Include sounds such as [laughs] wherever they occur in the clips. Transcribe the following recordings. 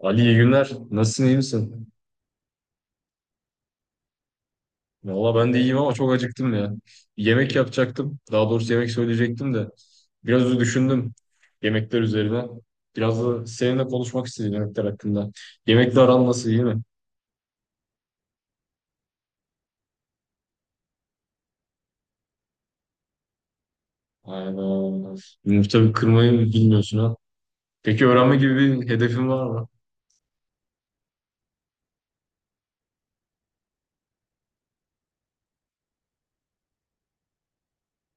Ali iyi günler. Nasılsın, iyi misin? Valla ben de iyiyim ama çok acıktım ya. Yemek yapacaktım. Daha doğrusu yemek söyleyecektim de. Biraz da düşündüm yemekler üzerine. Biraz da seninle konuşmak istedim yemekler hakkında. Yemekle aran nasıl, iyi mi? Aynen. Yumurta kırmayı bilmiyorsun ha. Peki öğrenme gibi bir hedefin var mı?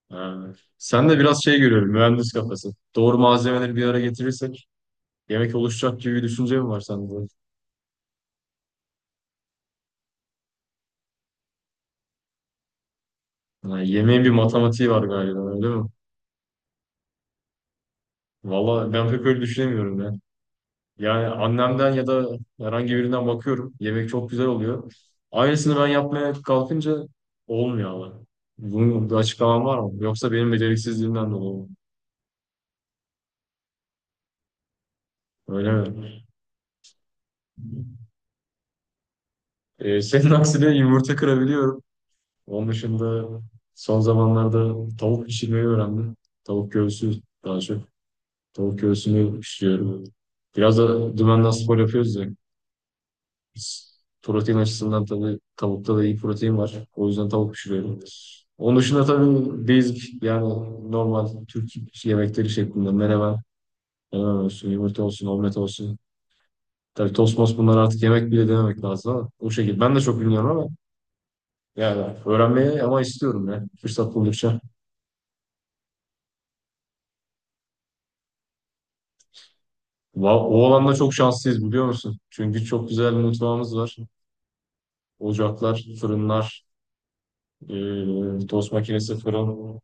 Ha. Sen de biraz şey görüyorum, mühendis kafası. Doğru malzemeleri bir araya getirirsek yemek oluşacak gibi bir düşünce mi var sende? Ha, yemeğin bir matematiği var galiba, öyle mi? Valla ben pek öyle düşünemiyorum ya. Yani annemden ya da herhangi birinden bakıyorum. Yemek çok güzel oluyor. Aynısını ben yapmaya kalkınca olmuyor ama. Bunun bir açıklaman var mı? Yoksa benim beceriksizliğimden dolayı mı? Öyle mi? Senin [laughs] aksine yumurta kırabiliyorum. Onun dışında son zamanlarda tavuk pişirmeyi öğrendim. Tavuk göğsü daha çok. Tavuk göğsünü pişiriyorum. Biraz da dümenden spor yapıyoruz ya. Protein açısından tabii tavukta da iyi protein var. O yüzden tavuk pişiriyorum. Onun dışında tabii basic yani normal Türk yemekleri şeklinde menemen, menemen olsun, yumurta olsun, omlet olsun. Tabii tost most bunlar artık yemek bile dememek lazım ama o şekilde. Ben de çok bilmiyorum ama yani öğrenmeye ama istiyorum ya fırsat buldukça. O alanda çok şanslıyız biliyor musun? Çünkü çok güzel bir mutfağımız var. Ocaklar, fırınlar, tost makinesi, fırın,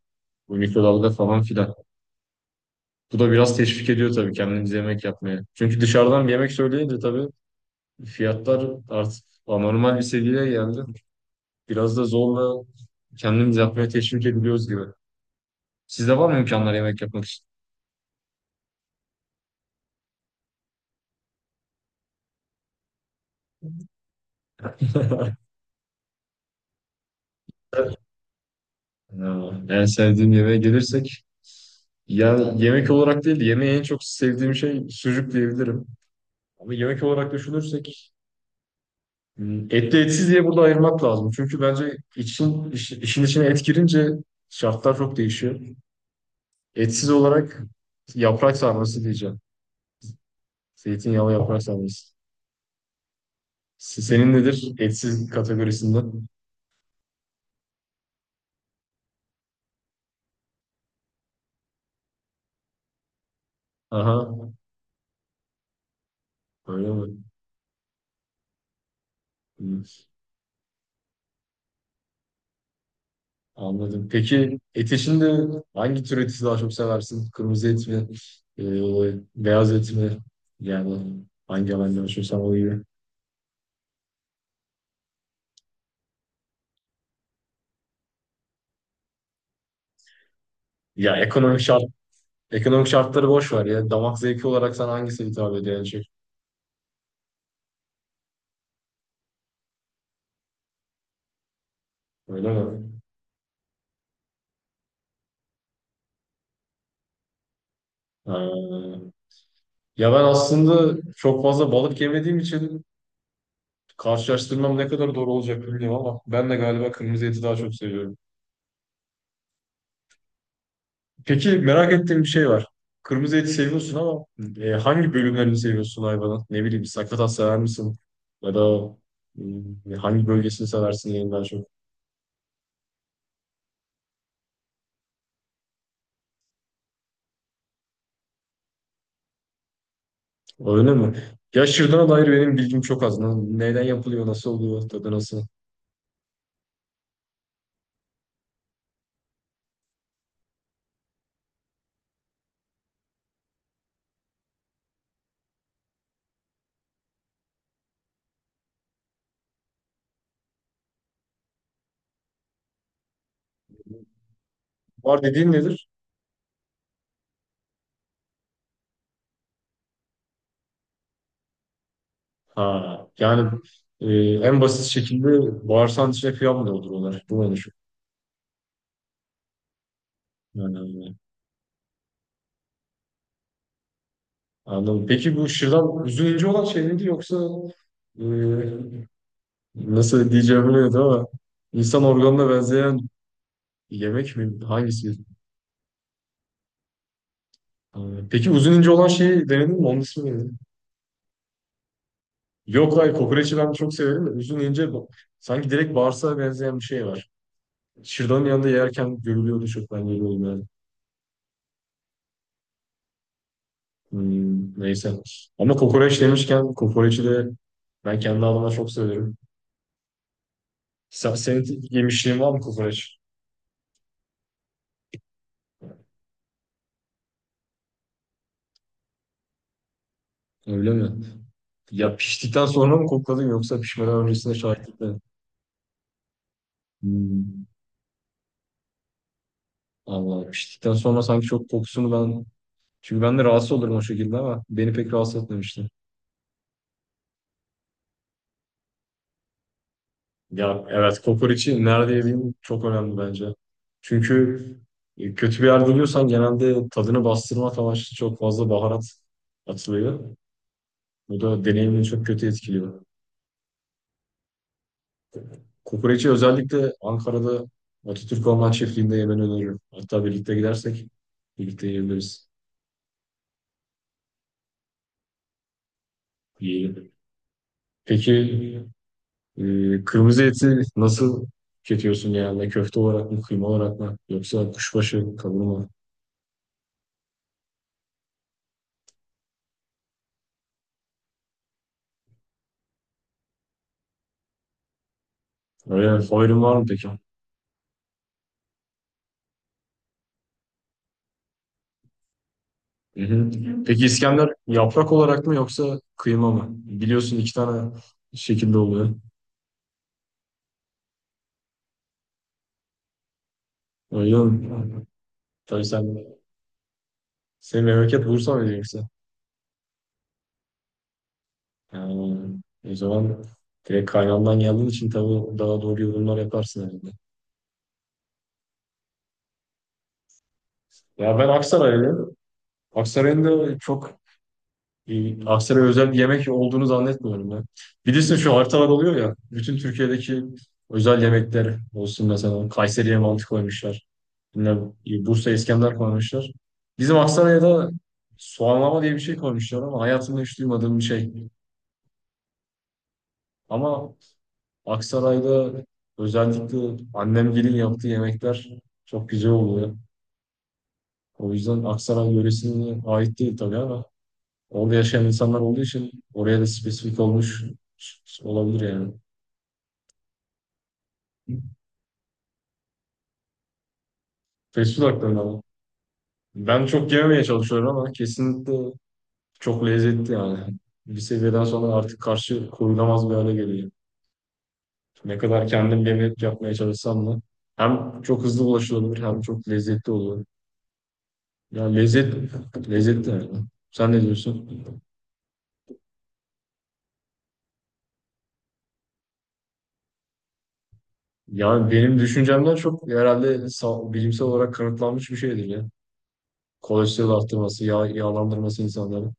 mikrodalga falan filan. Bu da biraz teşvik ediyor tabii kendimiz yemek yapmaya. Çünkü dışarıdan bir yemek söyleyince tabii fiyatlar artık anormal bir seviyeye geldi. Biraz da zorla kendimiz yapmaya teşvik ediliyoruz gibi. Sizde var mı imkanlar yemek yapmak için? [laughs] Ya, en sevdiğim yemeğe gelirsek ya yemek olarak değil de yemeği en çok sevdiğim şey sucuk diyebilirim. Ama yemek olarak düşünürsek hmm, etli etsiz diye burada ayırmak lazım. Çünkü bence işin içine et girince şartlar çok değişiyor. Etsiz olarak yaprak sarması diyeceğim. Zeytinyağlı yaprak sarması. Senin nedir etsiz kategorisinde? Aha, öyle mi? Hı. Anladım. Peki et içinde hangi tür eti daha çok seversin? Kırmızı et mi? Ee, Beyaz et mi? Yani hangi alanda yaşıyorsan o gibi. Ya ekonomik şart, Ekonomik şartları boş ver ya. Damak zevki olarak sana hangisi hitap ediyor en çok? Öyle mi? Ha. Ya ben aslında çok fazla balık yemediğim için karşılaştırmam ne kadar doğru olacak bilmiyorum ama ben de galiba kırmızı eti daha çok seviyorum. Peki merak ettiğim bir şey var. Kırmızı eti seviyorsun ama hangi bölümlerini seviyorsun hayvanın? Ne bileyim sakatat sever misin? Ya da hangi bölgesini seversin en daha çok? Öyle mi? Ya şırdana dair benim bilgim çok az. Neden yapılıyor, nasıl oluyor, tadı nasıl? Var dediğin nedir? Ha, yani e, en basit şekilde bağırsağın içine kıyam da olur onlar. Bu ne şu? Anladım. Peki bu şırdan üzücü olan şey miydi yoksa e, nasıl diyeceğimi bilmiyorum ama insan organına benzeyen yemek mi? Hangisi? E, Peki uzun ince olan şeyi denedin mi? Onun ismi neydi? Yok hayır kokoreçi ben çok severim de sanki direkt bağırsağa benzeyen bir şey var. Şırdanın yanında yerken görülüyordu çok ben görüyorum yani. Hmm, neyse. Ama kokoreç demişken kokoreçi de ben kendi adıma çok severim. Senin yemişliğin var mı kokoreç? Öyle mi? Ya piştikten sonra mı kokladın yoksa pişmeden öncesinde şahitlik mi? Hmm. Allah piştikten sonra sanki çok kokusunu ben çünkü ben de rahatsız olurum o şekilde ama beni pek rahatsız etmemişti. Ya evet kokoreçi nerede yediğin çok önemli bence. Çünkü kötü bir yerde yiyorsan genelde tadını bastırmak amaçlı çok fazla baharat atılıyor. Bu da deneyimini çok kötü etkiliyor. Kokoreçi özellikle Ankara'da Atatürk Orman Çiftliği'nde yemeni öneririm. Hatta birlikte gidersek birlikte yiyebiliriz. Yiyelim. Peki e, kırmızı eti nasıl tüketiyorsun genelde? Köfte olarak mı, kıyma olarak mı? Yoksa kuşbaşı, kavurma mı? Öyle favorin var mı peki? Hı hı. Peki İskender yaprak olarak mı yoksa kıyma mı? Biliyorsun iki tane şekilde oluyor. Öyle mi? Tabii senin memleket Bursa mı yoksa? Yani, o zaman direkt kaynağından geldiğin için tabii daha doğru yorumlar yaparsın herhalde. Ya ben Aksaraylıyım. Aksaray'ın da çok Bir Aksaray'a özel bir yemek olduğunu zannetmiyorum ya. Bilirsin şu haritalar oluyor ya. Bütün Türkiye'deki özel yemekler olsun mesela. Kayseri'ye mantı koymuşlar. Bilmem, Bursa İskender koymuşlar. Bizim Aksaray'a da soğanlama diye bir şey koymuşlar ama hayatımda hiç duymadığım bir şey. Ama Aksaray'da özellikle annemgilin yaptığı yemekler çok güzel oluyor. O yüzden Aksaray yöresine ait değil tabii ama orada yaşayan insanlar olduğu için oraya da spesifik olmuş olabilir yani. Fast food hakkında ama. Ben çok yememeye çalışıyorum ama kesinlikle çok lezzetli yani. Bir seviyeden sonra artık karşı koyulamaz bir hale geliyor. Ne kadar kendim yemek yapmaya çalışsam da hem çok hızlı ulaşılabilir hem çok lezzetli oluyor. Ya lezzet, Lezzetli yani. Sen ne diyorsun? Yani benim düşüncemden çok herhalde bilimsel olarak kanıtlanmış bir şeydir ya. Kolesterol arttırması, yağlandırması insanları.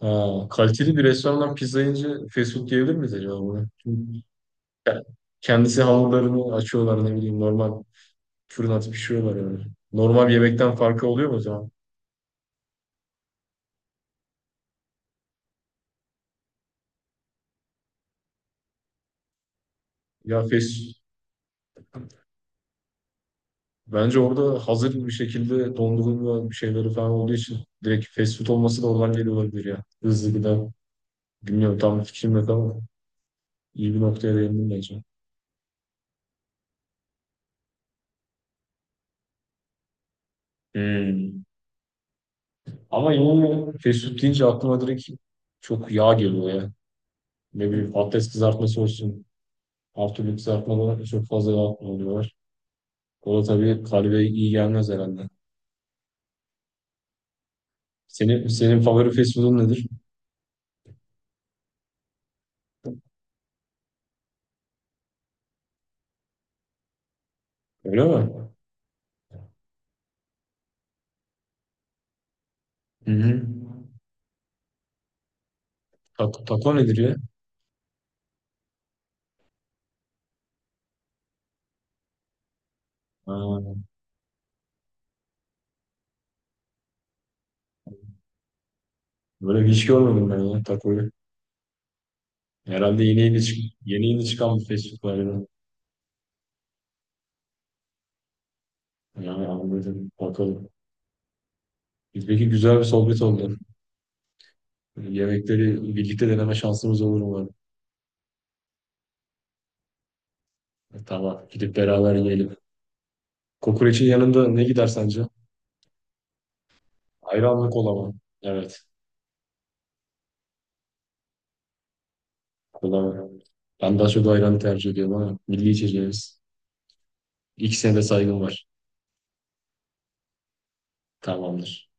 Ha, kaliteli bir restorandan pizza yiyince fast food diyebilir miyiz acaba buna? Çünkü ke- kendisi hamurlarını açıyorlar ne bileyim normal fırın atıp pişiriyorlar yani. Normal bir yemekten farkı oluyor mu o zaman? Ya fast Bence orada hazır bir şekilde dondurulma bir şeyleri falan olduğu için direkt fast food olması da oradan geliyor olabilir ya. Hızlı gıda. Bilmiyorum tam fikrim yok ama iyi bir noktaya değindim bence. Hmm. Ama yine fast food deyince aklıma direkt çok yağ geliyor ya. Ne bileyim patates kızartması olsun. Her türlü kızartmalara çok fazla yağ kullanıyorlar. O da tabii kalbe iyi gelmez herhalde. Senin favori fast food'un nedir? Öyle mi? Hı hı. Taco nedir ya? Ha, böyle hiç görmedim ben ya takoyu. Herhalde yeni yeni çıkan bir fast food var ya. Yani anladım. Bakalım. Peki güzel bir sohbet oldu. Yemekleri birlikte deneme şansımız olur umarım. Tamam. Gidip beraber yiyelim. Kokoreçin yanında ne gider sence? Ayran mı kola mı? Evet. Kola mı? Ben daha çok ayranı tercih ediyorum ama milli içeceğiz. İkisine de saygım var. Tamamdır.